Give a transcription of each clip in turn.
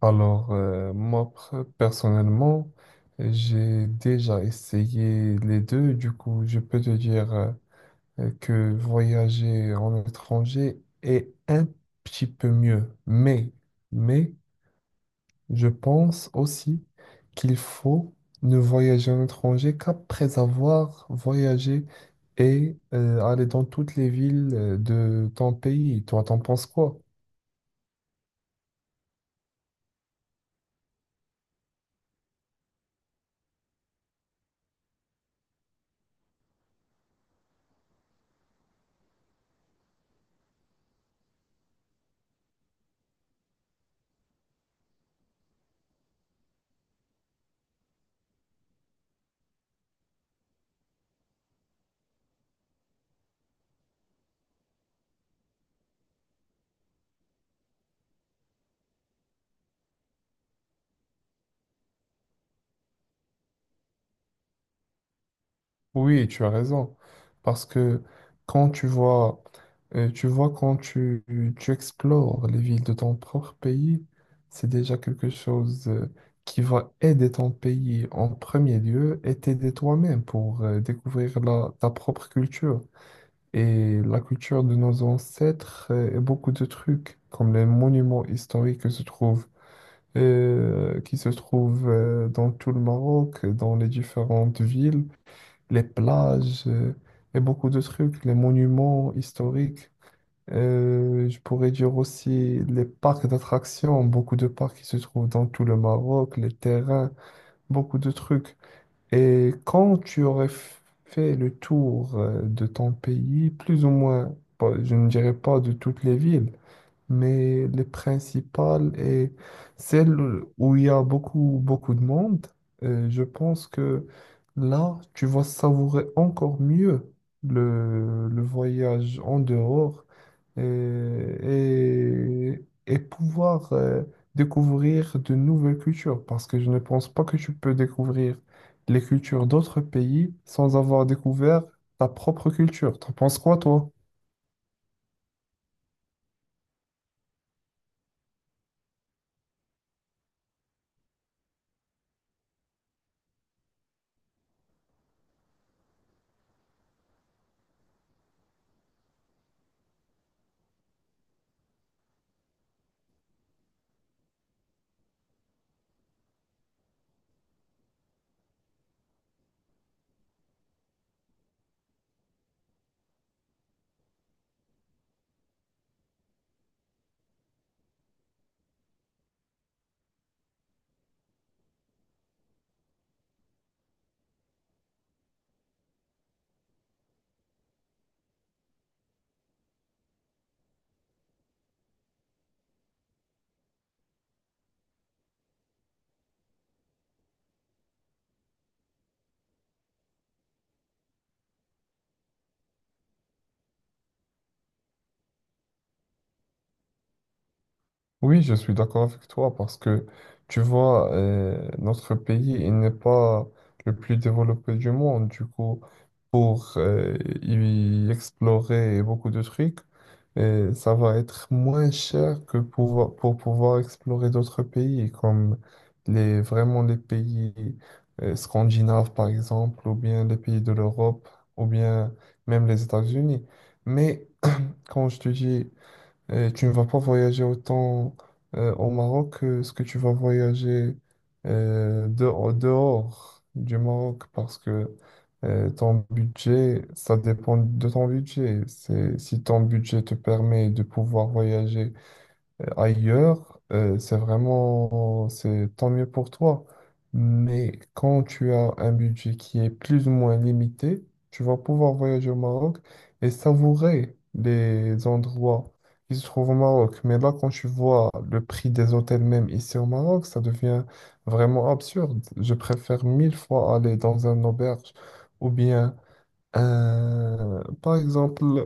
Alors, moi, personnellement, j'ai déjà essayé les deux. Du coup, je peux te dire que voyager en étranger est un petit peu mieux. Mais, je pense aussi qu'il faut ne voyager à l'étranger qu'après avoir voyagé et aller dans toutes les villes de ton pays. Toi, t'en penses quoi? Oui, tu as raison. Parce que quand tu vois, tu vois quand tu explores les villes de ton propre pays, c'est déjà quelque chose qui va aider ton pays en premier lieu et t'aider toi-même pour découvrir ta propre culture. Et la culture de nos ancêtres, et beaucoup de trucs, comme les monuments historiques qui se trouvent dans tout le Maroc, dans les différentes villes, les plages, et beaucoup de trucs, les monuments historiques. Je pourrais dire aussi les parcs d'attractions, beaucoup de parcs qui se trouvent dans tout le Maroc, les terrains, beaucoup de trucs. Et quand tu aurais fait le tour de ton pays, plus ou moins, je ne dirais pas de toutes les villes, mais les principales et celles où il y a beaucoup, beaucoup de monde, je pense que là, tu vas savourer encore mieux le voyage en dehors et pouvoir découvrir de nouvelles cultures, parce que je ne pense pas que tu peux découvrir les cultures d'autres pays sans avoir découvert ta propre culture. T'en penses quoi, toi? Oui, je suis d'accord avec toi parce que tu vois, notre pays, il n'est pas le plus développé du monde. Du coup, pour y explorer beaucoup de trucs, ça va être moins cher que pour pouvoir explorer d'autres pays, comme vraiment les pays scandinaves, par exemple, ou bien les pays de l'Europe, ou bien même les États-Unis. Mais quand je te dis et tu ne vas pas voyager autant au Maroc que ce que tu vas voyager au dehors du Maroc parce que ton budget, ça dépend de ton budget. Si ton budget te permet de pouvoir voyager ailleurs, c'est tant mieux pour toi. Mais quand tu as un budget qui est plus ou moins limité, tu vas pouvoir voyager au Maroc et savourer les endroits qui se trouvent au Maroc. Mais là, quand tu vois le prix des hôtels même ici au Maroc, ça devient vraiment absurde. Je préfère mille fois aller dans un auberge ou bien, par exemple,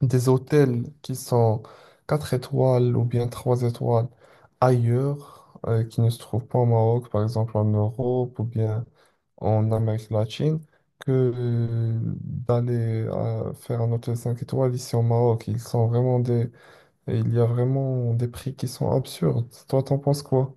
des hôtels qui sont 4 étoiles ou bien 3 étoiles ailleurs, qui ne se trouvent pas au Maroc, par exemple en Europe ou bien en Amérique latine, que d'aller faire un hôtel 5 étoiles ici au Maroc. Ils sont vraiment des... Et il y a vraiment des prix qui sont absurdes. Toi, t'en penses quoi?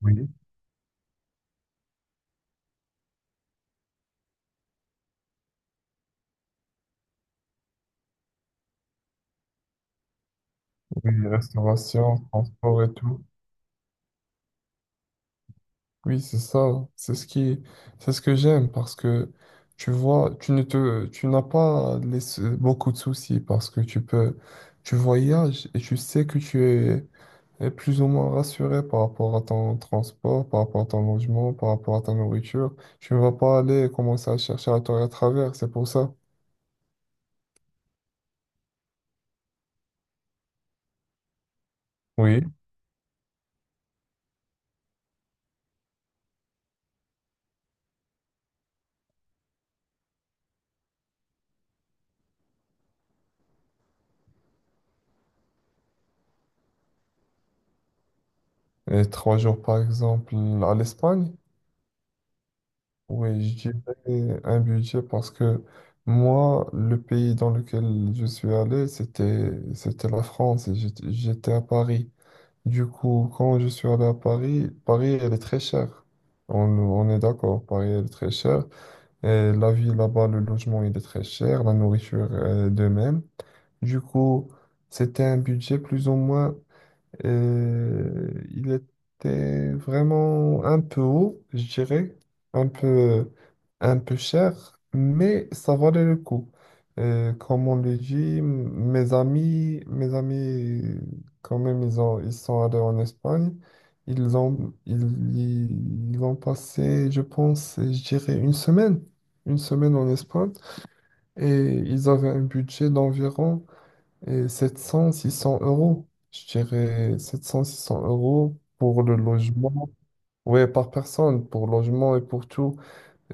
Oui. Oui, restauration, transport et tout. Oui, c'est ça. C'est ce qui, c'est ce que j'aime parce que tu vois, tu ne te, tu n'as pas les beaucoup de soucis parce que tu peux, tu voyages et tu sais que tu es plus ou moins rassuré par rapport à ton transport, par rapport à ton logement, par rapport à ta nourriture. Tu ne vas pas aller commencer à chercher à toi à travers, c'est pour ça. Oui. Et trois jours, par exemple, à l'Espagne. Oui, je dirais un budget parce que moi, le pays dans lequel je suis allé, c'était la France et j'étais à Paris. Du coup, quand je suis allé à Paris, Paris, elle est très chère. On est d'accord, Paris, elle est très chère. Et la vie là-bas, le logement, il est très cher, la nourriture, de même. Du coup, c'était un budget plus ou moins. Il était vraiment un peu haut, je dirais, un peu, un peu cher, mais ça valait le coup. Comme on le dit, mes amis, quand même, ils sont allés en Espagne. Ils ont passé, je pense, je dirais une semaine en Espagne, et ils avaient un budget d'environ et 700-600 euros, je dirais 700-600 euros pour le logement. Ouais, par personne, pour logement et pour tout.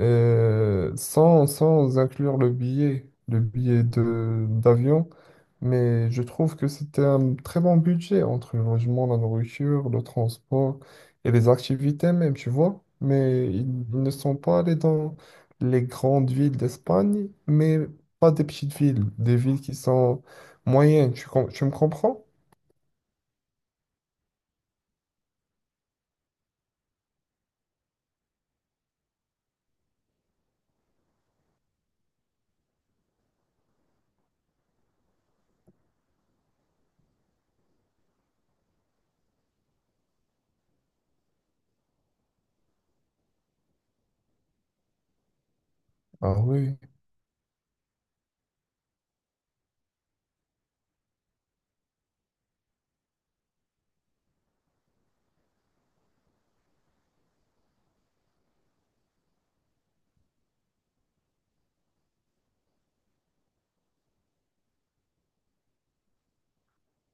Sans inclure le billet de d'avion, mais je trouve que c'était un très bon budget entre le logement, la nourriture, le transport et les activités même, tu vois. Mais ils ne sont pas allés dans les grandes villes d'Espagne, mais pas des petites villes, des villes qui sont moyennes, tu me comprends? Ah oui.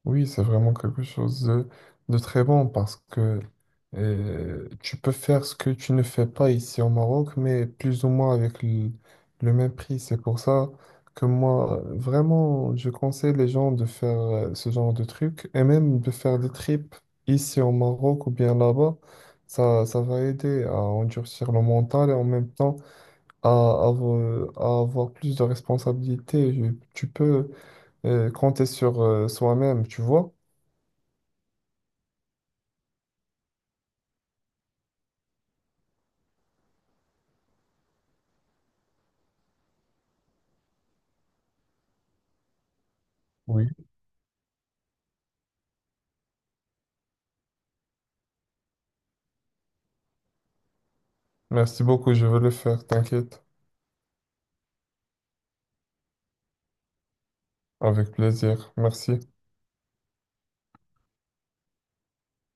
Oui, c'est vraiment quelque chose de très bon parce que tu peux faire ce que tu ne fais pas ici au Maroc, mais plus ou moins avec le même prix. C'est pour ça que moi, vraiment, je conseille les gens de faire ce genre de truc et même de faire des trips ici au Maroc ou bien là-bas. Ça va aider à endurcir le mental et en même temps à avoir plus de responsabilités. Tu peux compter sur soi-même, tu vois. Oui, merci beaucoup, je vais le faire, t'inquiète. Avec plaisir, merci.